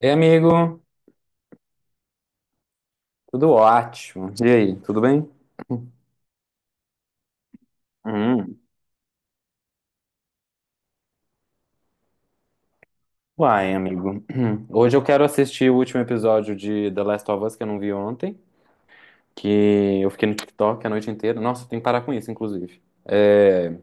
Ei, amigo, tudo ótimo. E aí, tudo bem? Hum. Uai, amigo. Hoje eu quero assistir o último episódio de The Last of Us que eu não vi ontem, que eu fiquei no TikTok a noite inteira. Nossa, eu tenho que parar com isso, inclusive.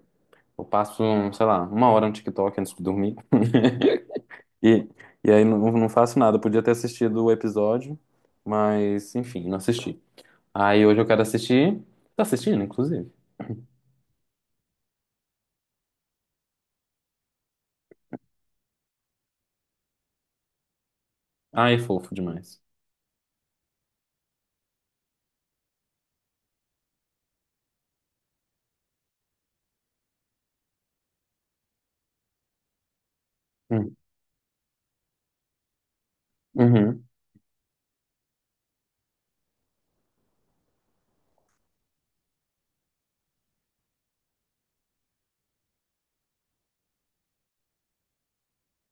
Eu passo, sei lá, uma hora no TikTok antes de dormir. E, e aí não faço nada. Eu podia ter assistido o episódio, mas enfim, não assisti. Aí hoje eu quero assistir. Tá assistindo, inclusive. Ai, fofo demais. Hum. Uhum.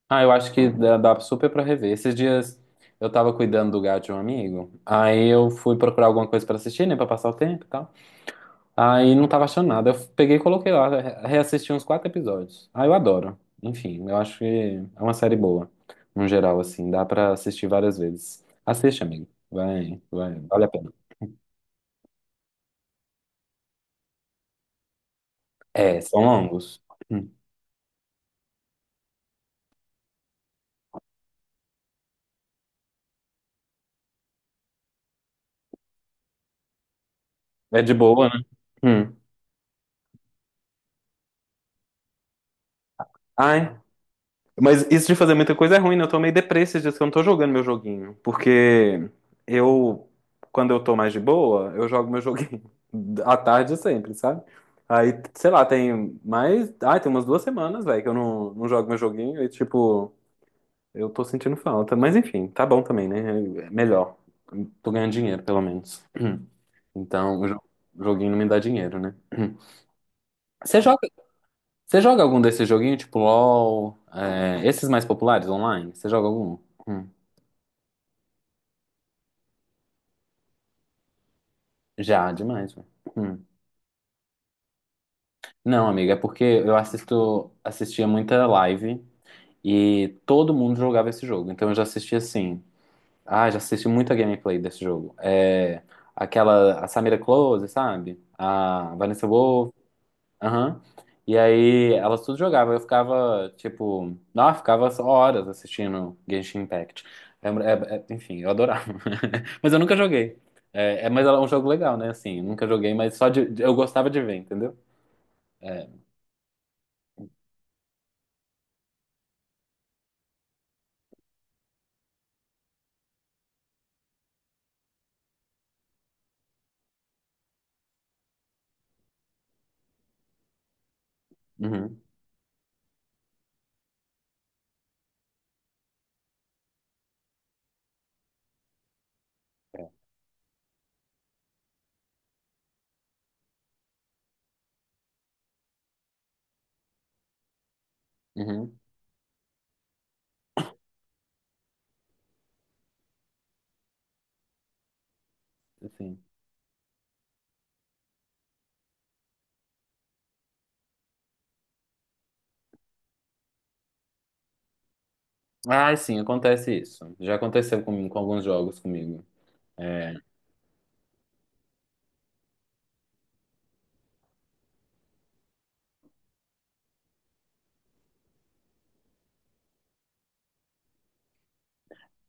Ah, eu acho que dá super pra rever. Esses dias eu tava cuidando do gato de um amigo, aí eu fui procurar alguma coisa pra assistir, né, pra passar o tempo e tal. Aí não tava achando nada. Eu peguei e coloquei lá, reassisti uns quatro episódios. Ah, eu adoro. Enfim, eu acho que é uma série boa, no geral, assim, dá pra assistir várias vezes. Assiste, amigo. Vai, vale a pena. É, são longos. Hum. É de boa, né? Hum. Ai, mas isso de fazer muita coisa é ruim, né? Eu tô meio deprê esses dias que eu não tô jogando meu joguinho. Porque eu, quando eu tô mais de boa, eu jogo meu joguinho à tarde sempre, sabe? Aí, sei lá, tem mais. Ah, tem umas duas semanas, velho, que eu não jogo meu joguinho e, tipo, eu tô sentindo falta. Mas enfim, tá bom também, né? É melhor. Tô ganhando dinheiro, pelo menos. Então, joguinho não me dá dinheiro, né? Você joga. Você joga algum desses joguinhos, tipo LOL, é, esses mais populares online? Você joga algum? Hum. Já, demais, velho. Hum. Não, amiga, é porque eu assistia muita live e todo mundo jogava esse jogo. Então eu já assisti assim. Ah, já assisti muita gameplay desse jogo. É, aquela, a Samira Close, sabe? A Vanessa Wolff. Aham. E aí elas tudo jogavam. Eu ficava, tipo, nossa, ficava horas assistindo Genshin Impact. Enfim, eu adorava. Mas eu nunca joguei. Mas é um jogo legal, né? Assim, eu nunca joguei, mas só eu gostava de ver, entendeu? É, uhum, é, uhum, assim. Ah, sim, acontece isso. Já aconteceu comigo, com alguns jogos comigo. É,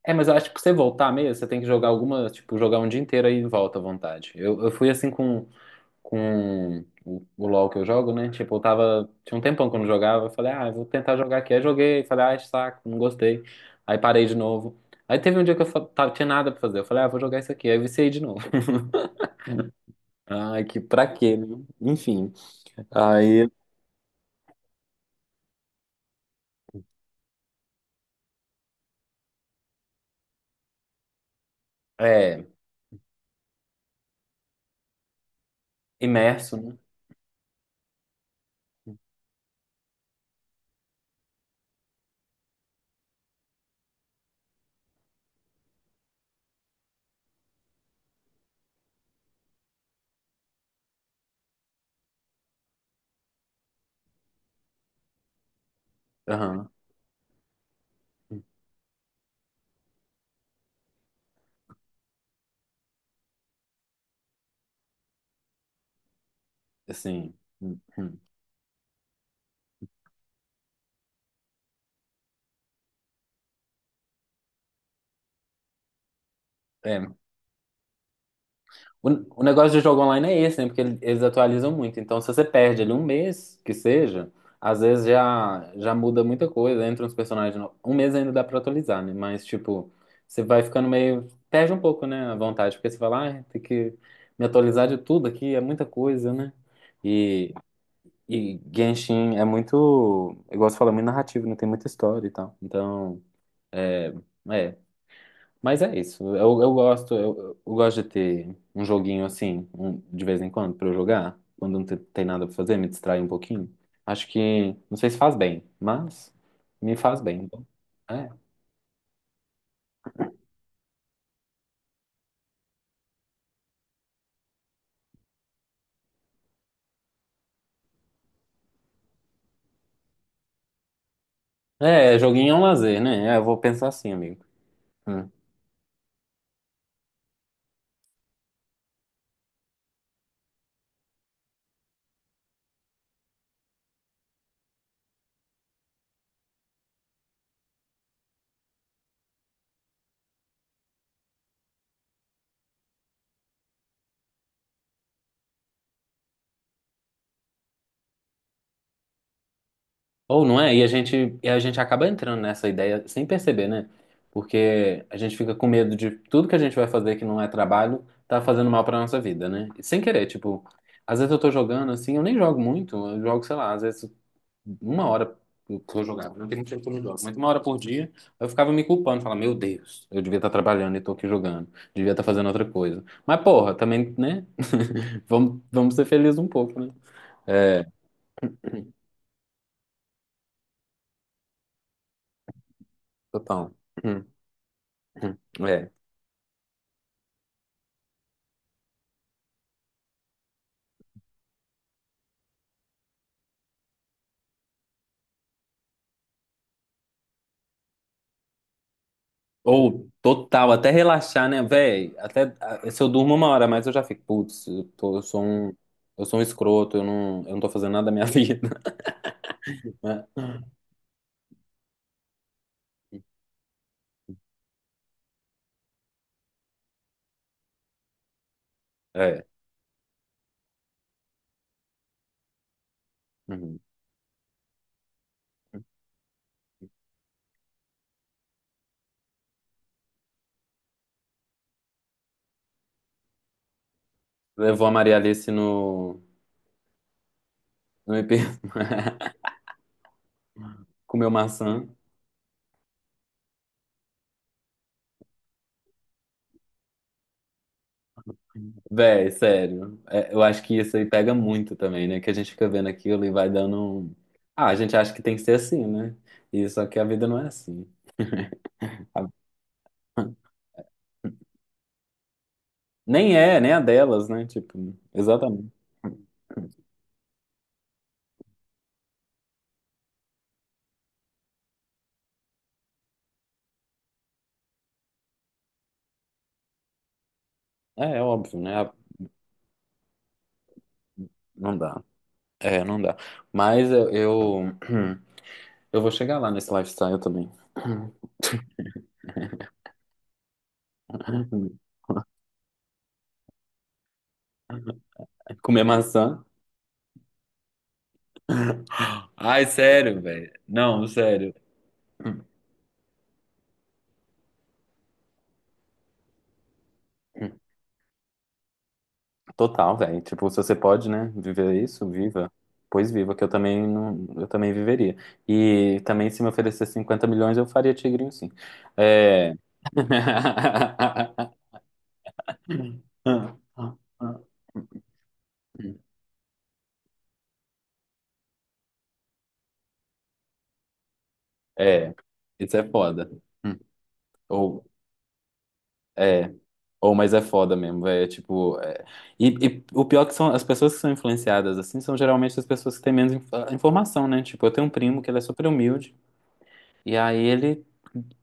mas eu acho que pra você voltar mesmo, você tem que jogar alguma, tipo, jogar um dia inteiro aí e volta à vontade. Eu fui assim com com o LoL que eu jogo, né? Tipo, eu tava. Tinha um tempão que eu não jogava. Eu falei, ah, eu vou tentar jogar aqui. Aí joguei, falei, ah, saco, não gostei. Aí parei de novo. Aí teve um dia que eu tava, tinha nada pra fazer. Eu falei, ah, vou jogar isso aqui. Aí viciei de novo. Ai, que pra quê, né? Enfim. Aí, é, imerso, né? Aham. Assim. Hum, hum. É. O, o negócio de jogo online é esse, né? Porque eles atualizam muito. Então, se você perde ali um mês, que seja, às vezes já muda muita coisa. Entra uns personagens. Um mês ainda dá pra atualizar, né? Mas, tipo, você vai ficando meio. Perde um pouco, né? A vontade. Porque você fala, ah, tem que me atualizar de tudo aqui, é muita coisa, né? E, e Genshin é muito. Igual você falou, é muito narrativo, não tem muita história e tal. Então, é. É. Mas é isso. Eu gosto, eu gosto de ter um joguinho assim, de vez em quando, pra eu jogar. Quando tem nada pra fazer, me distrai um pouquinho. Acho que, não sei se faz bem, mas me faz bem. Então, é. É, joguinho é um lazer, né? É, eu vou pensar assim, amigo. Hum. Ou não é? E a gente acaba entrando nessa ideia sem perceber, né? Porque a gente fica com medo de tudo que a gente vai fazer que não é trabalho tá fazendo mal pra nossa vida, né? E sem querer, tipo, às vezes eu tô jogando assim, eu nem jogo muito, eu jogo, sei lá, às vezes uma hora que eu jogava, não tem muito tempo que eu não jogo, mas uma hora por dia eu ficava me culpando, falava, meu Deus, eu devia estar trabalhando e tô aqui jogando, devia estar fazendo outra coisa. Mas porra, também, né? Vamos ser felizes um pouco, né? Total. Hum, É. Ou total, até relaxar, né, véi? Até ah, se eu durmo uma hora, mas eu já fico, putz, eu sou um escroto, eu eu não tô fazendo nada da minha vida, né? É. Uhum. Levou a Maria Alice no IP, comeu maçã. Véi, sério. É, eu acho que isso aí pega muito também, né? Que a gente fica vendo aquilo e vai dando. Ah, a gente acha que tem que ser assim, né? E só que a vida não é assim. A- Nem é, nem a delas, né? Tipo, exatamente. É, é óbvio, né? Não dá. É, não dá. Mas eu, eu vou chegar lá nesse lifestyle também. Comer maçã. Ai, sério, velho. Não, sério. Total, velho. Tipo, se você pode, né, viver isso, viva. Pois viva, que eu também não, eu também viveria. E também se me oferecer 50 milhões, eu faria tigrinho sim. É. É, isso é foda. Ou é. Ou, mas é foda mesmo, velho. É tipo. E o pior que são as pessoas que são influenciadas assim são geralmente as pessoas que têm menos ah, informação, né? Tipo, eu tenho um primo que ele é super humilde e aí ele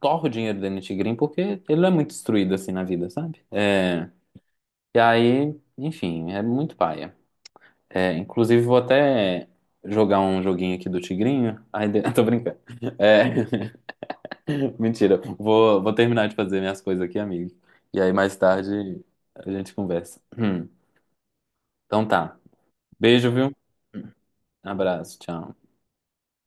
torra o dinheiro dele no Tigrinho porque ele não é muito instruído assim na vida, sabe? É, e aí, enfim, é muito paia. É, inclusive, vou até jogar um joguinho aqui do Tigrinho. Ai, tô brincando. É, mentira. Vou terminar de fazer minhas coisas aqui, amigo. E aí, mais tarde, a gente conversa. Então tá. Beijo, viu? Abraço, tchau.